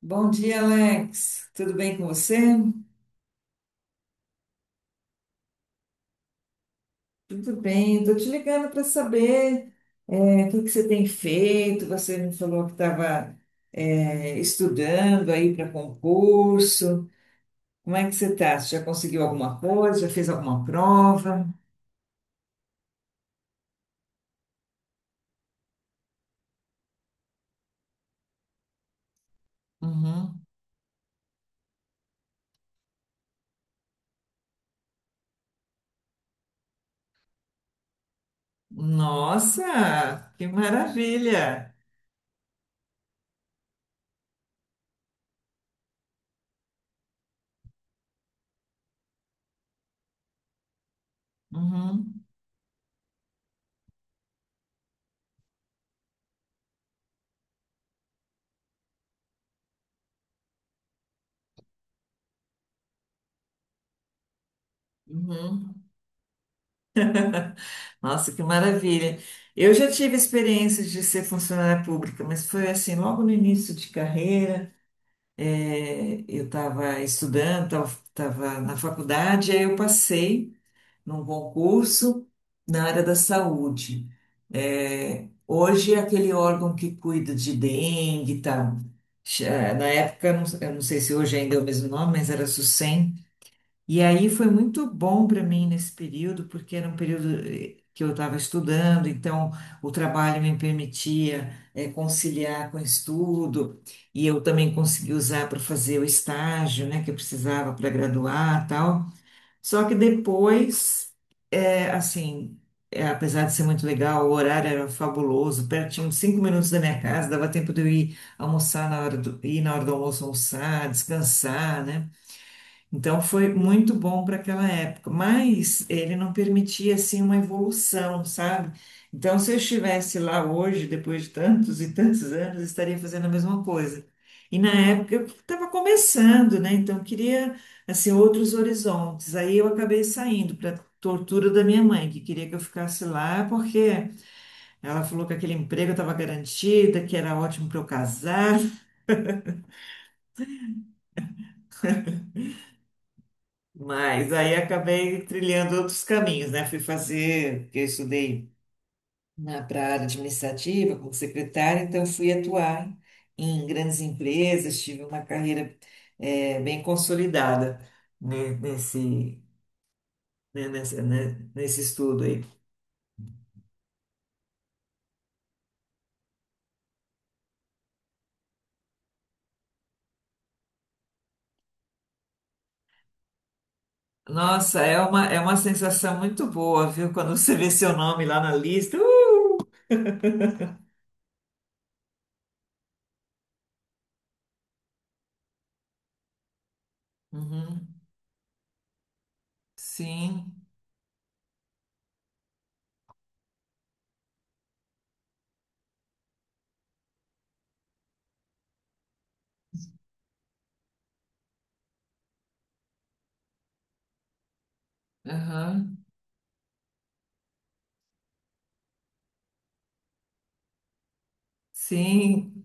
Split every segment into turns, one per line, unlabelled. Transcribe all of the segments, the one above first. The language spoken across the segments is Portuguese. Bom dia, Alex. Tudo bem com você? Tudo bem. Estou te ligando para saber o que que você tem feito. Você me falou que estava estudando aí para concurso. Como é que você está? Você já conseguiu alguma coisa? Já fez alguma prova? Uhum. Nossa, que maravilha! Uhum. Uhum. Nossa, que maravilha. Eu já tive experiências de ser funcionária pública, mas foi assim, logo no início de carreira. É, eu estava estudando, estava na faculdade, aí eu passei num concurso na área da saúde. É, hoje é aquele órgão que cuida de dengue e tal. Na época, eu não sei se hoje ainda é o mesmo nome, mas era SUSEM. E aí foi muito bom para mim nesse período, porque era um período que eu estava estudando, então o trabalho me permitia conciliar com o estudo, e eu também consegui usar para fazer o estágio, né, que eu precisava para graduar, tal. Só que depois, assim, apesar de ser muito legal, o horário era fabuloso, pertinho, cinco minutos da minha casa, dava tempo de eu ir almoçar na hora do, ir na hora do almoço almoçar, descansar, né? Então foi muito bom para aquela época, mas ele não permitia assim uma evolução, sabe? Então se eu estivesse lá hoje, depois de tantos e tantos anos, eu estaria fazendo a mesma coisa. E na época eu estava começando, né? Então eu queria assim outros horizontes. Aí eu acabei saindo para tortura da minha mãe, que queria que eu ficasse lá porque ela falou que aquele emprego estava garantida, que era ótimo para eu casar. Mas aí acabei trilhando outros caminhos, né? Fui fazer, porque eu estudei na para a área administrativa, como secretária, então fui atuar em grandes empresas, tive uma carreira bem consolidada nesse, né, né, nesse estudo aí. Nossa, é uma sensação muito boa, viu? Quando você vê seu nome lá na lista. Uhum. Sim, aham. Sim,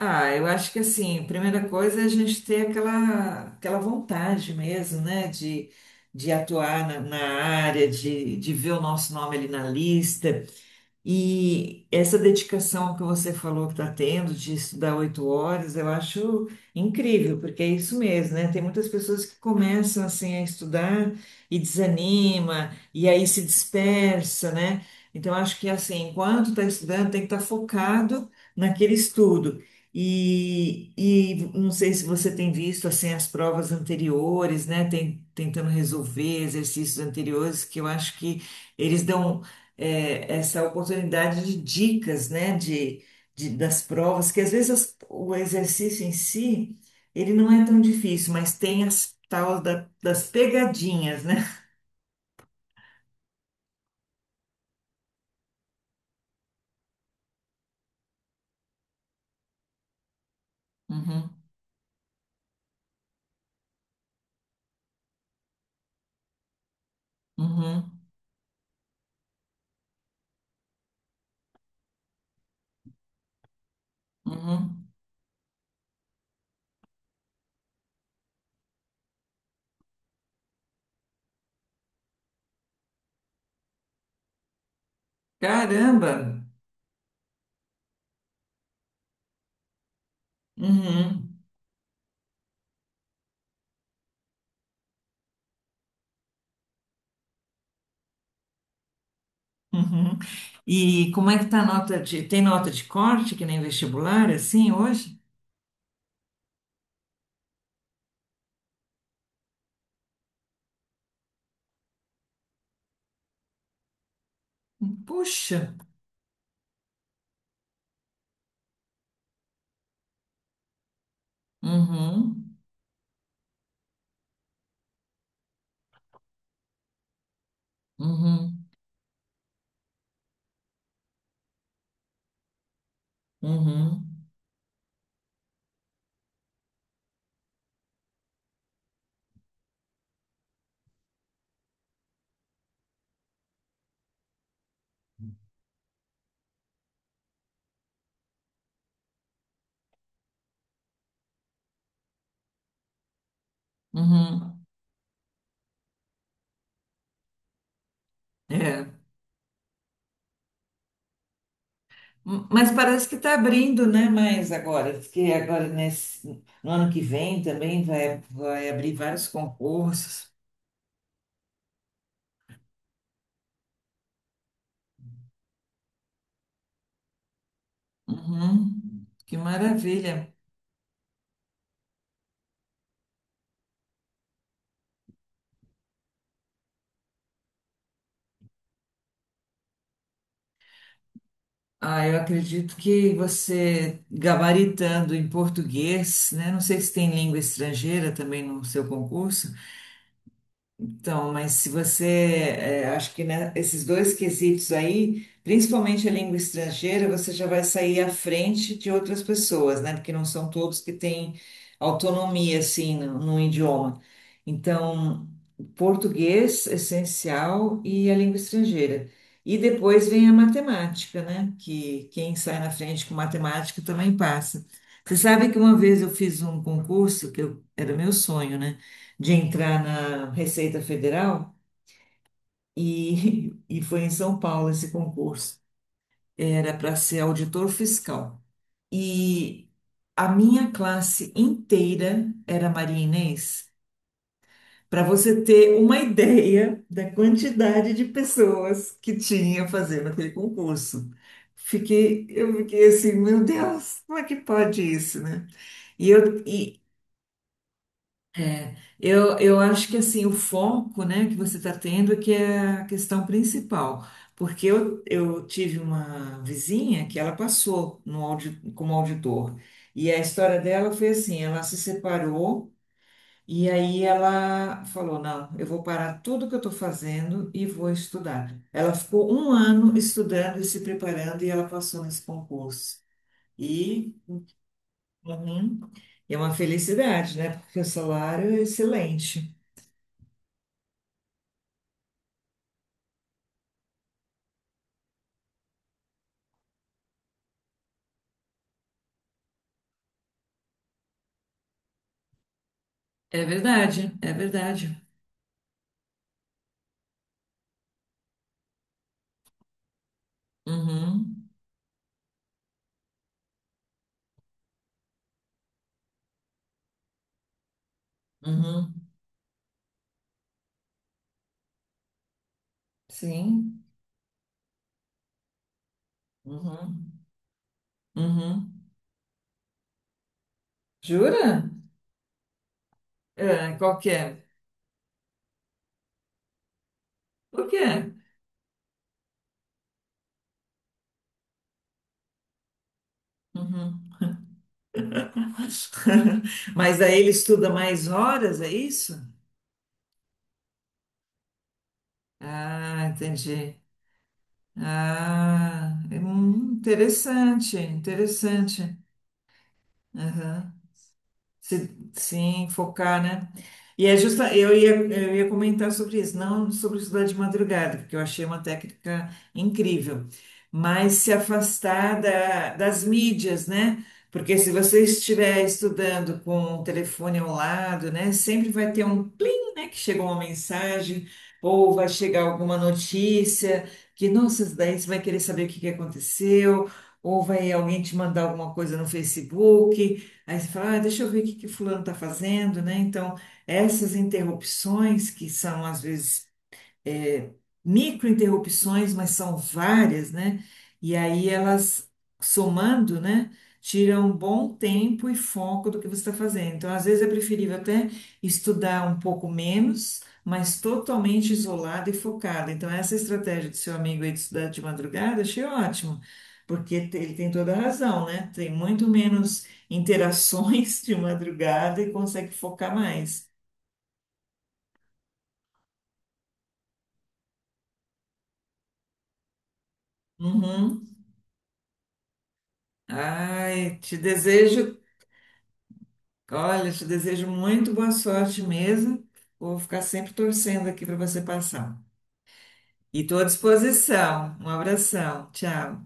ah, eu acho que assim, primeira coisa é a gente ter aquela vontade mesmo, né, de atuar na, na área, de ver o nosso nome ali na lista. E essa dedicação que você falou que está tendo de estudar 8 horas, eu acho incrível, porque é isso mesmo, né? Tem muitas pessoas que começam assim a estudar e desanima, e aí se dispersa, né? Então eu acho que assim, enquanto está estudando, tem que estar focado naquele estudo. E não sei se você tem visto assim as provas anteriores, né? Tem, tentando resolver exercícios anteriores que eu acho que eles dão essa oportunidade de dicas, né, de, das provas, que às vezes o exercício em si, ele não é tão difícil, mas tem as tal das pegadinhas, né? Uhum, uhum, uhum. Caramba! Uhum, uhum. E como é que tá a nota de... Tem nota de corte, que nem vestibular, assim, hoje? Puxa! Uhum, uhum, uhum, uhum. É. Mas parece que está abrindo, né? Mais agora, diz que agora nesse, no ano que vem também vai, vai abrir vários concursos. Uhum, que maravilha! Ah, eu acredito que você gabaritando em português, né? Não sei se tem língua estrangeira também no seu concurso. Então, mas se você, é, acho que né, esses dois quesitos aí, principalmente a língua estrangeira, você já vai sair à frente de outras pessoas, né? Porque não são todos que têm autonomia, assim, no, no idioma. Então, português, essencial, e a língua estrangeira. E depois vem a matemática, né? Que quem sai na frente com matemática também passa. Você sabe que uma vez eu fiz um concurso, que era meu sonho, né? De entrar na Receita Federal e foi em São Paulo esse concurso. Era para ser auditor fiscal. E a minha classe inteira era Maria. Para você ter uma ideia da quantidade de pessoas que tinha fazendo aquele concurso. Eu fiquei assim, meu Deus, como é que pode isso, né? E, eu, e É, eu acho que assim, o foco, né, que você está tendo é que é a questão principal, porque eu tive uma vizinha que ela passou no como auditor, e a história dela foi assim, ela se separou e aí ela falou, não, eu vou parar tudo que eu estou fazendo e vou estudar. Ela ficou um ano estudando e se preparando e ela passou nesse concurso. E, uhum, é uma felicidade, né, porque o salário é excelente. É verdade, é verdade. Uhum, uhum, sim, uhum, uhum. Jura? É, qualquer. Por quê? Uhum. Mas aí ele estuda mais horas, é isso? Ah, entendi. Ah, é, interessante, interessante. Se, sim, focar, né? E é justa, eu ia comentar sobre isso, não sobre estudar de madrugada, porque eu achei uma técnica incrível, mas se afastar das mídias, né? Porque se você estiver estudando com o telefone ao lado, né, sempre vai ter um plim, né, que chegou uma mensagem ou vai chegar alguma notícia que, nossa, daí você vai querer saber o que que aconteceu, ou vai alguém te mandar alguma coisa no Facebook. Aí você fala, ah, deixa eu ver o que que fulano está fazendo, né? Então, essas interrupções que são às vezes microinterrupções, mas são várias, né? E aí elas, somando, né, tiram um bom tempo e foco do que você está fazendo. Então, às vezes é preferível até estudar um pouco menos, mas totalmente isolado e focado. Então, essa estratégia do seu amigo aí de estudar de madrugada, achei ótimo. Porque ele tem toda a razão, né? Tem muito menos interações de madrugada e consegue focar mais. Uhum. Ai, te desejo olha, te desejo muito boa sorte mesmo. Vou ficar sempre torcendo aqui para você passar. E estou à disposição. Um abração. Tchau.